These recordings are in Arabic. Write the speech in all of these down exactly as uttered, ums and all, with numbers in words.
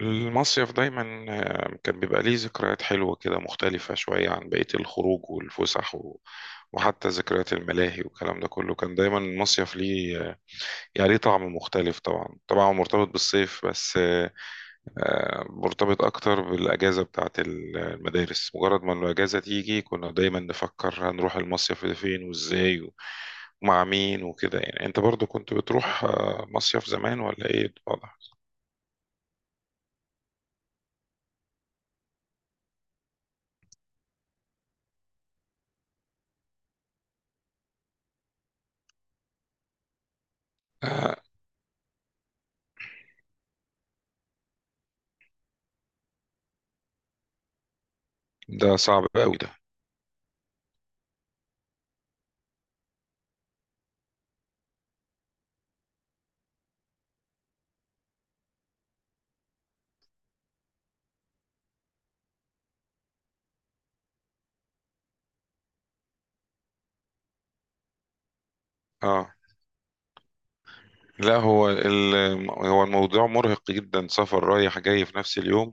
المصيف دايما آه، كان بيبقى ليه ذكريات حلوة كده مختلفة شوية عن بقية الخروج والفسح و... وحتى ذكريات الملاهي والكلام ده كله كان دايما المصيف ليه آه، يعني ليه طعم مختلف. طبعا طبعا هو مرتبط بالصيف بس آه، آه، مرتبط أكتر بالأجازة بتاعة ال- المدارس. مجرد ما الأجازة تيجي كنا دايما نفكر هنروح المصيف ده فين وإزاي و... ومع مين وكده يعني. أنت برضو كنت بتروح آه، مصيف زمان ولا إيه الوضع؟ آه. ده صعب قوي ده. اه، لا هو ال... هو الموضوع مرهق جدا، سفر رايح جاي في نفس اليوم.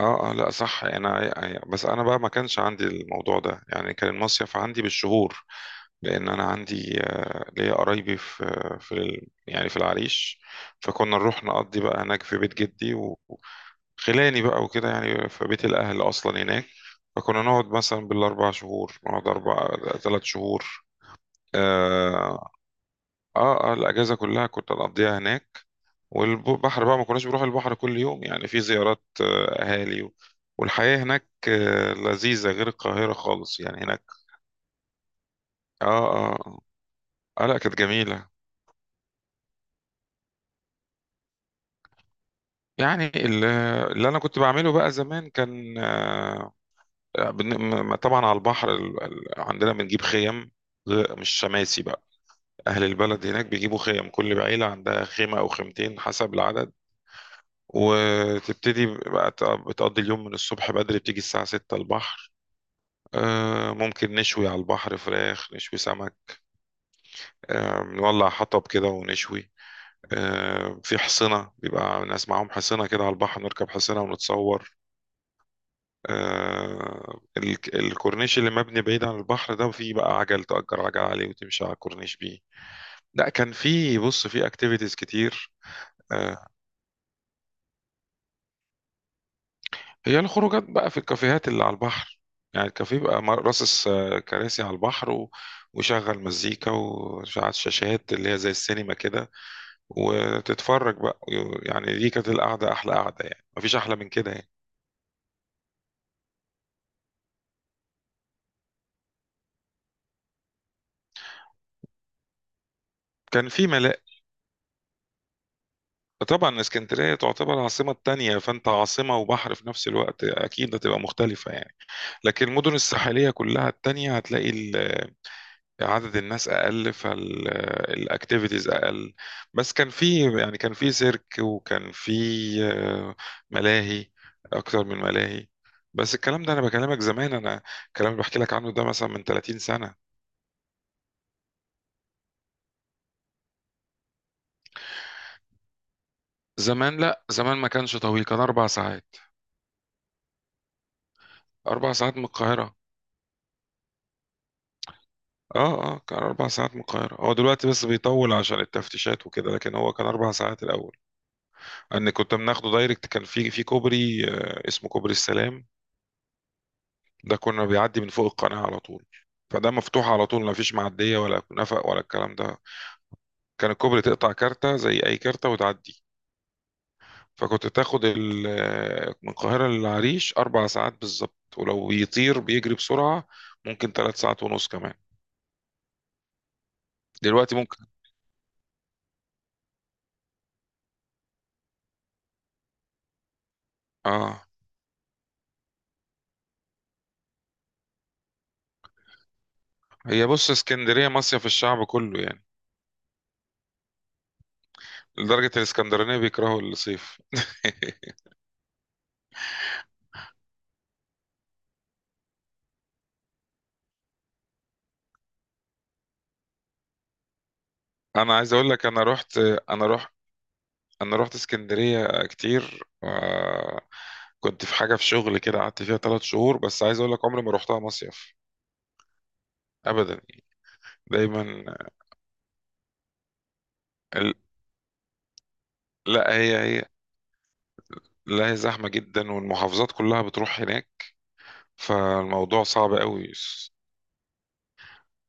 اه اه، لا صح. انا بس انا بقى ما كانش عندي الموضوع ده، يعني كان المصيف عندي بالشهور، لان انا عندي آه، ليا قرايبي في في ال... يعني في العريش. فكنا نروح نقضي بقى هناك في بيت جدي و- وخلاني بقى وكده، يعني في بيت الاهل اصلا هناك. فكنا نقعد مثلا بالاربع شهور، نقعد اربع، ثلاث شهور. اه اه، آه، الاجازه كلها كنت اقضيها هناك. والبحر بقى ما كناش بنروح البحر كل يوم، يعني في زيارات آه، أهالي و- والحياة هناك آه، لذيذة غير القاهرة خالص، يعني هناك. آه، آه، آه، آه، لا كانت جميلة. يعني ال- اللي أنا كنت بعمله بقى زمان كان آه، بن- م- طبعا على البحر ال- ال- عندنا بنجيب خيم، غ- مش شماسي بقى. أهل البلد هناك بيجيبوا خيم، كل عيلة عندها خيمة أو خيمتين حسب العدد. وتبتدي بقى ت- بتقضي اليوم من الصبح بدري، بتيجي الساعة ستة البحر. آه، ممكن نشوي على البحر فراخ، نشوي سمك. آه، نولع حطب كده ونشوي. آه، في حصنة، بيبقى ناس معاهم حصنة كده على البحر، نركب حصنة ونتصور. آه، ال- الكورنيش اللي مبني بعيد عن البحر ده، فيه بقى عجل، تأجر عجل عليه وتمشي على الكورنيش بيه. لا، كان في، بص، في اكتيفيتيز كتير. آه، هي الخروجات بقى في الكافيهات اللي على البحر. يعني الكافيه بقى مر- راصص آه، كراسي على البحر و... وشغل مزيكا وشغل شاشات اللي هي زي السينما كده، وتتفرج بقى. يعني دي كانت القعدة، أحلى قعدة، يعني مفيش أحلى من كده يعني. كان في ملاء. طبعا اسكندرية تعتبر العاصمة التانية، فأنت عاصمة وبحر في نفس الوقت، أكيد هتبقى مختلفة يعني. لكن المدن الساحلية كلها التانية هتلاقي عدد الناس اقل، فالاكتيفيتيز اقل. بس كان في، يعني كان في سيرك وكان في آه، ملاهي، اكتر من ملاهي. بس الكلام ده انا بكلمك زمان. انا الكلام اللي بحكي لك عنه ده مثلا من ثلاثين سنة. زمان لا، زمان ما كانش طويل، كان اربع ساعات. اربع ساعات من القاهرة. اه اه، كان اربع ساعات من القاهرة. هو دلوقتي بس بيطول عشان التفتيشات وكده، لكن هو كان اربع ساعات الاول. ان كنت بناخده دايركت، كان في في كوبري آه، اسمه كوبري السلام. ده كنا بيعدي من فوق القناة على طول. فده مفتوح على طول، ما فيش معدية ولا نفق ولا الكلام ده. كان الكوبري تقطع كارتة زي أي كارتة وتعدي. فكنت تاخد ال- من القاهرة للعريش أربع ساعات بالظبط، ولو بيطير بيجري بسرعة ممكن ثلاث ساعات ونص كمان. دلوقتي ممكن آه هي بص، اسكندرية مصيف الشعب كله يعني، لدرجة الاسكندرانية بيكرهوا الصيف. أنا عايز أقول لك، أنا رحت أنا رحت انا رحت اسكندريه كتير. آه، كنت في حاجه، في شغل كده، قعدت فيها ثلاث شهور، بس عايز اقول لك عمري ما رحتها مصيف ابدا يعني. دايما ال- لا هي هي لا، هي زحمه جدا والمحافظات كلها بتروح هناك، فالموضوع صعب قوي.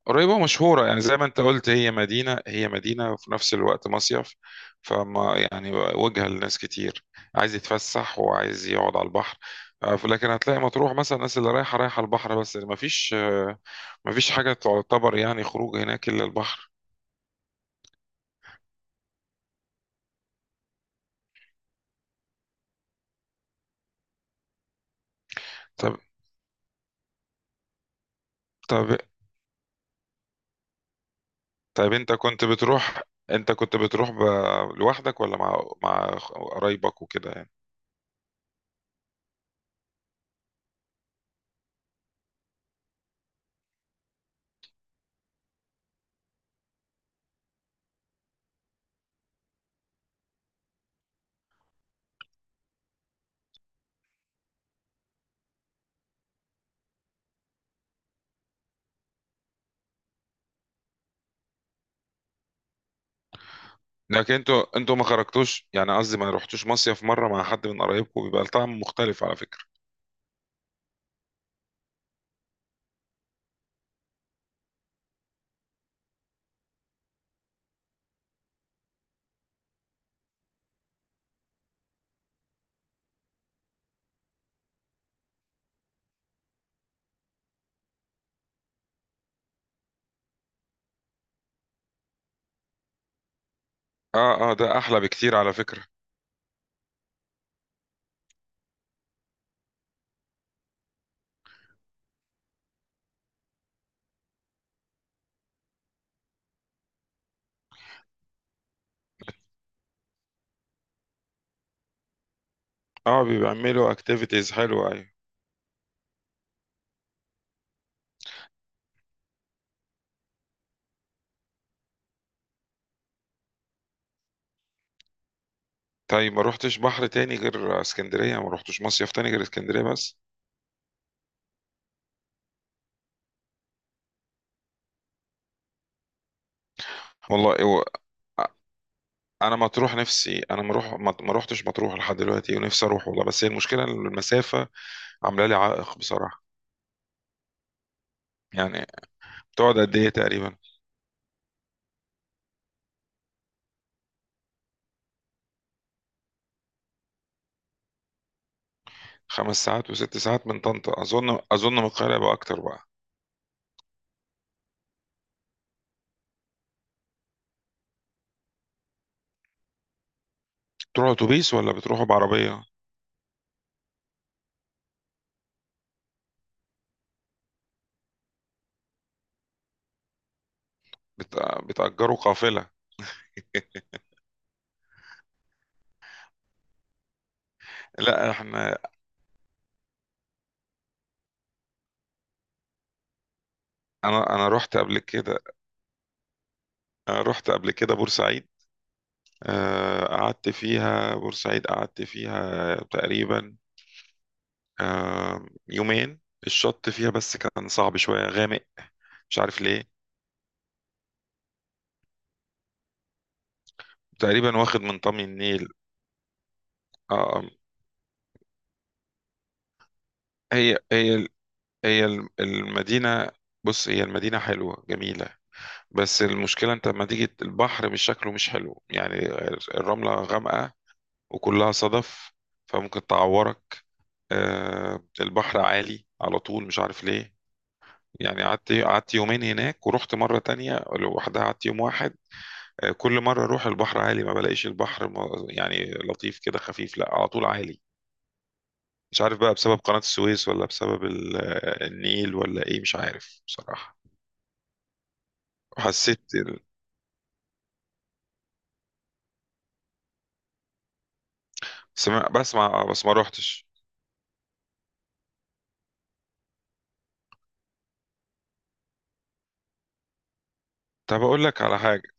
قريبة ومشهورة يعني، زي ما انت قلت، هي مدينة، هي مدينة وفي نفس الوقت مصيف. فما يعني وجهة لناس كتير، عايز يتفسح وعايز يقعد على البحر. آه، لكن هتلاقي مطروح مثلا الناس اللي رايحة، رايحة البحر بس، ما فيش ما فيش حاجة تعتبر يعني خروج هناك إلا البحر. طب. طب طب انت كنت بتروح. انت كنت بتروح ب... لوحدك ولا مع مع قرايبك وكده يعني. لكن انتوا انتوا ما خرجتوش، يعني قصدي ما رحتوش مصيف مرة مع حد من قرايبكم، بيبقى الطعم مختلف على فكرة. اه اه، ده احلى بكتير على فكرة. اه، بيعملوا اكتيفيتيز حلوة، ايوه. طيب، ما روحتش بحر تاني غير اسكندرية، ما روحتش مصيف تاني غير اسكندرية بس. والله هو انا مطروح نفسي، انا ما روح ما ما روحتش مطروح لحد دلوقتي، ونفسي اروح والله، بس هي المشكلة إن المسافة عاملة لي عائق بصراحة. يعني بتقعد قد ايه تقريبا؟ خمس ساعات وست ساعات من طنطا، اظن اظن من القاهرة يبقى اكتر بقى. بتروحوا اتوبيس ولا بتروحوا بعربية؟ بت... بتأجروا قافلة؟ لا احنا. انا انا رحت قبل كده، آه، رحت قبل كده بورسعيد. آه، قعدت فيها، بورسعيد قعدت فيها تقريبا آه، يومين. الشط فيها بس كان صعب شوية، غامق، مش عارف ليه، تقريبا واخد من طمي النيل. آه، آه، هي هي هي الم- المدينة. بص، هي المدينة حلوة جميلة، بس المشكلة انت لما تيجي البحر، مش شكله مش حلو يعني. الرملة غامقة وكلها صدف، فممكن تعورك. آه، البحر عالي على طول، مش عارف ليه. يعني قعدت قعدت يومين هناك، ورحت مرة تانية لوحدها قعدت يوم واحد. آه، كل مرة أروح البحر عالي، ما بلاقيش البحر م- يعني لطيف كده، خفيف، لا على طول عالي. مش عارف بقى بسبب قناة السويس ولا بسبب ال- آه، النيل ولا إيه، مش عارف بصراحة. وحسيت ال- سمع بسمع، بس ما روحتش. طب أقول لك على حاجة.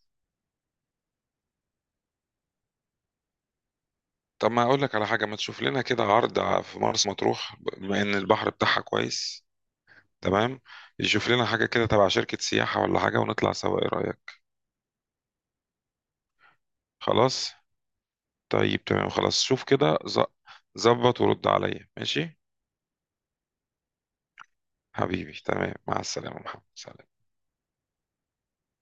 طب ما أقول لك على حاجة، ما تشوف لنا كده عرض ع- في مرسى مطروح بما إن البحر بتاعها كويس، تمام؟ يشوف لنا حاجة كده تبع شركة سياحة ولا حاجة، ونطلع سوا. إيه رأيك؟ خلاص. طيب تمام، خلاص. شوف كده ظ- ظبط ورد عليا، ماشي؟ حبيبي تمام، مع السلامة محمد، سلام.